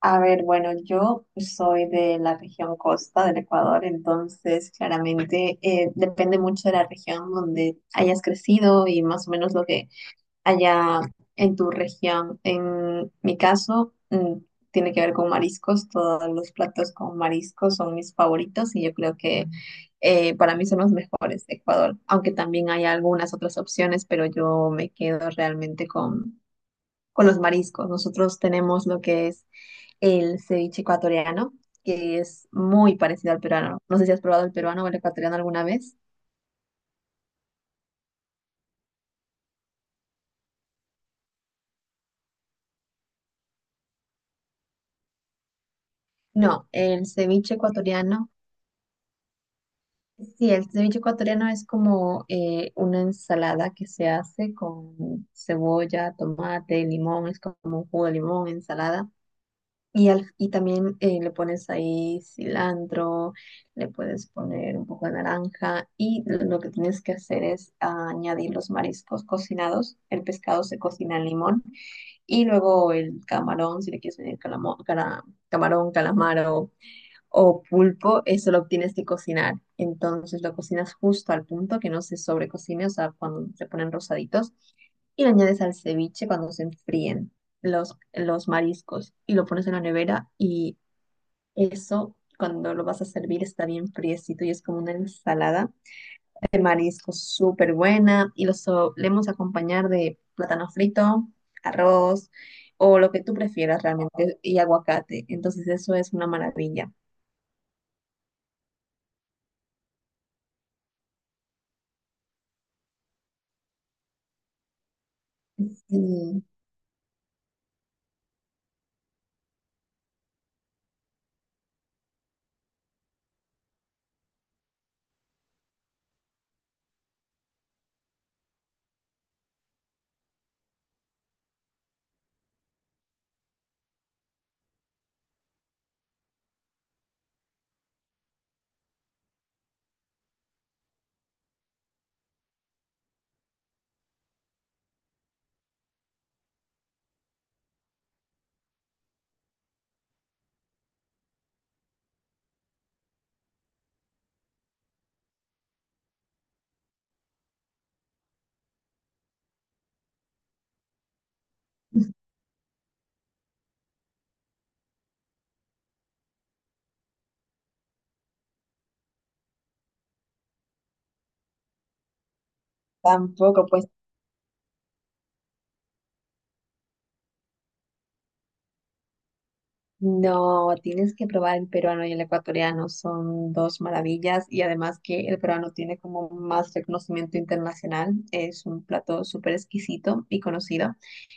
A ver, bueno, yo soy de la región costa del Ecuador. Entonces claramente depende mucho de la región donde hayas crecido y más o menos lo que haya en tu región. En mi caso, tiene que ver con mariscos, todos los platos con mariscos son mis favoritos y yo creo que para mí son los mejores de Ecuador, aunque también hay algunas otras opciones, pero yo me quedo realmente con los mariscos. Nosotros tenemos lo que es el ceviche ecuatoriano, que es muy parecido al peruano. No sé si has probado el peruano o el ecuatoriano alguna vez. No, el ceviche ecuatoriano, sí, el ceviche ecuatoriano es como una ensalada que se hace con cebolla, tomate, limón, es como un jugo de limón, ensalada. Y también le pones ahí cilantro, le puedes poner un poco de naranja y lo que tienes que hacer es añadir los mariscos cocinados. El pescado se cocina en limón y luego el camarón, si le quieres añadir camarón, calamaro, o pulpo, eso lo tienes que cocinar. Entonces lo cocinas justo al punto que no se sobrecocine, o sea, cuando se ponen rosaditos, y lo añades al ceviche cuando se enfríen los mariscos y lo pones en la nevera y eso cuando lo vas a servir está bien friecito y es como una ensalada de mariscos súper buena y lo solemos acompañar de plátano frito, arroz o lo que tú prefieras realmente y aguacate. Entonces eso es una maravilla. Sí. Tampoco, pues no, tienes que probar el peruano y el ecuatoriano, son dos maravillas y además que el peruano tiene como más reconocimiento internacional, es un plato súper exquisito y conocido.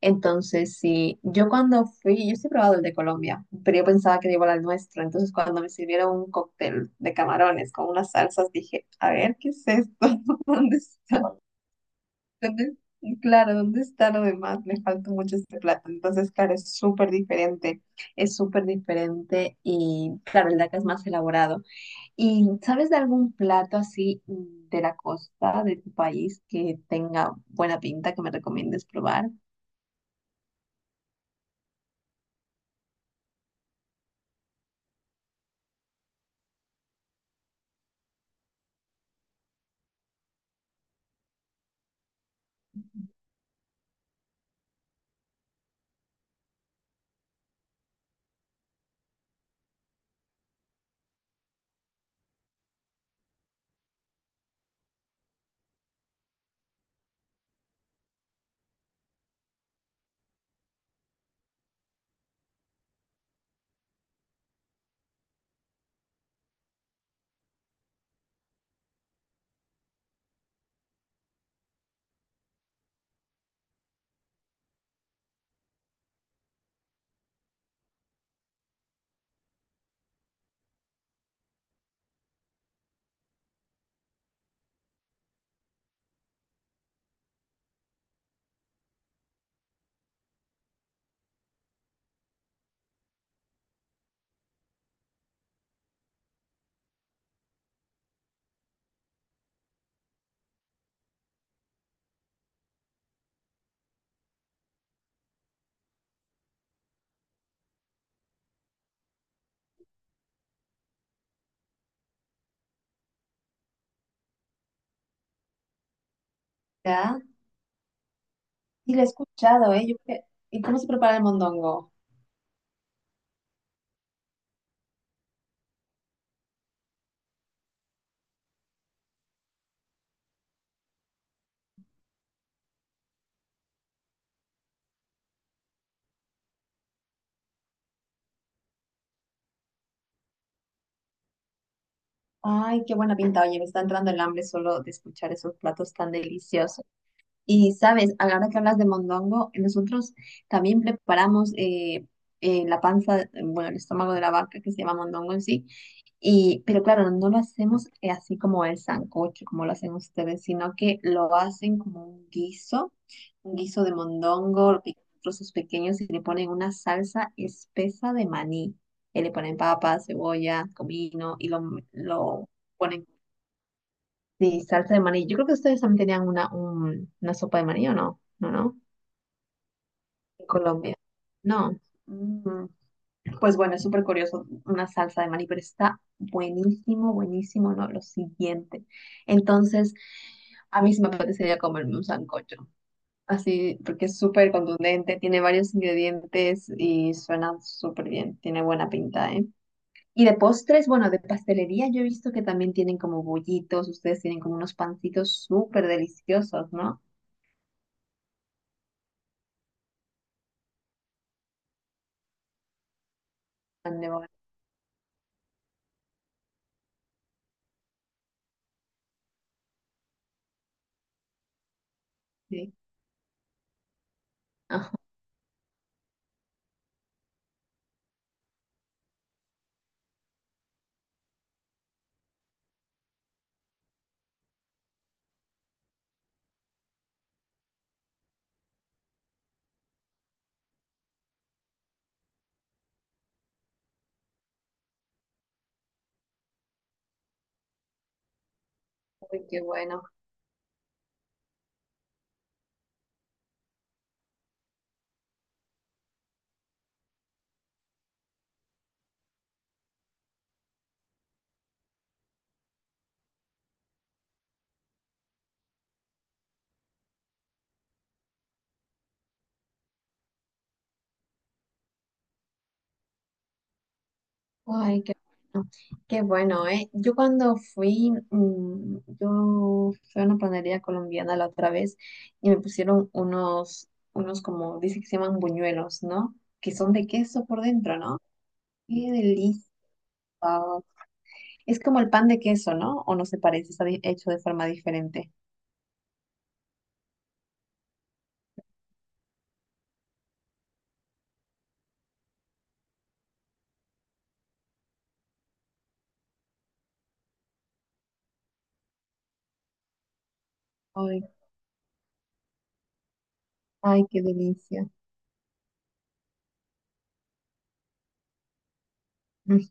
Entonces, sí, yo cuando fui, yo sí he probado el de Colombia, pero yo pensaba que era igual al nuestro. Entonces cuando me sirvieron un cóctel de camarones con unas salsas, dije, a ver, ¿qué es esto? ¿Dónde está? ¿Dónde- Claro, ¿dónde está lo demás? Le falta mucho este plato. Entonces, claro, es súper diferente. Es súper diferente y, claro, el DACA es más elaborado. ¿Y sabes de algún plato así de la costa de tu país que tenga buena pinta que me recomiendes probar? ¿Ya? Sí, lo he escuchado, ¿eh? ¿Y cómo se prepara el mondongo? Ay, qué buena pinta. Oye, me está entrando el hambre solo de escuchar esos platos tan deliciosos. Y sabes, ahora que hablas de mondongo, nosotros también preparamos la panza, bueno, el estómago de la vaca que se llama mondongo en sí, y, pero claro, no lo hacemos así como el sancocho, como lo hacen ustedes, sino que lo hacen como un guiso de mondongo, lo pican en trozos pequeños y le ponen una salsa espesa de maní, y le ponen papas, cebolla, comino y lo ponen. Sí, salsa de maní. Yo creo que ustedes también tenían una sopa de maní, ¿o no? No, no. En Colombia. No. Mm, pues bueno, es súper curioso una salsa de maní, pero está buenísimo, buenísimo, ¿no? Lo siguiente. Entonces, a mí sí me apetecería comerme un sancocho. Así, porque es súper contundente, tiene varios ingredientes y suena súper bien. Tiene buena pinta, ¿eh? Y de postres, bueno, de pastelería, yo he visto que también tienen como bollitos, ustedes tienen como unos pancitos súper deliciosos, ¿no? Pan de bono, sí. Ajá, uy, qué bueno. Ay, qué bueno. Qué bueno, ¿eh? Yo cuando fui, yo fui a una panadería colombiana la otra vez y me pusieron unos como, dice que se llaman buñuelos, ¿no? Que son de queso por dentro, ¿no? Qué delicioso. Es como el pan de queso, ¿no? ¿O no se parece? Está hecho de forma diferente. Ay, ay, qué delicia. Mm,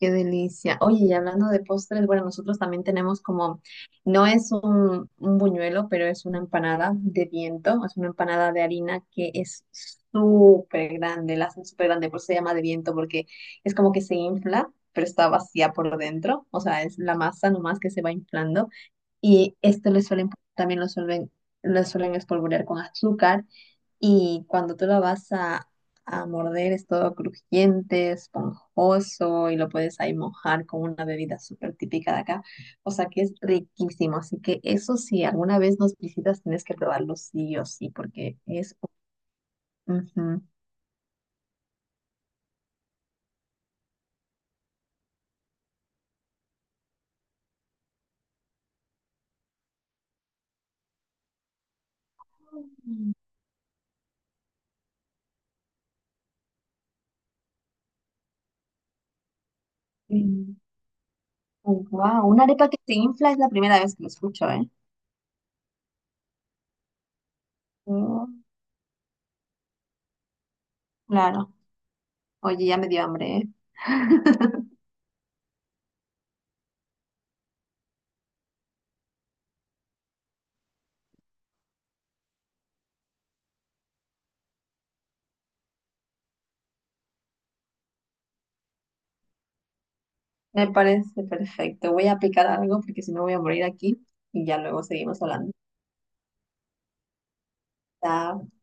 qué delicia. Oye, y hablando de postres, bueno, nosotros también tenemos como, no es un buñuelo, pero es una empanada de viento, es una empanada de harina que es súper grande, la hacen súper grande, por eso se llama de viento, porque es como que se infla, pero está vacía por dentro, o sea, es la masa nomás que se va inflando, y esto le suelen, también lo suelen espolvorear con azúcar. Y cuando tú lo vas a, A morder es todo crujiente, esponjoso y lo puedes ahí mojar con una bebida súper típica de acá. O sea que es riquísimo. Así que eso si alguna vez nos visitas tienes que probarlo sí o sí porque es... ujú. Wow, una arepa que se infla es la primera vez que lo escucho, ¿eh? Mm, claro. Oye, ya me dio hambre, ¿eh? Me parece perfecto. Voy a aplicar algo porque si no voy a morir aquí y ya luego seguimos hablando. Está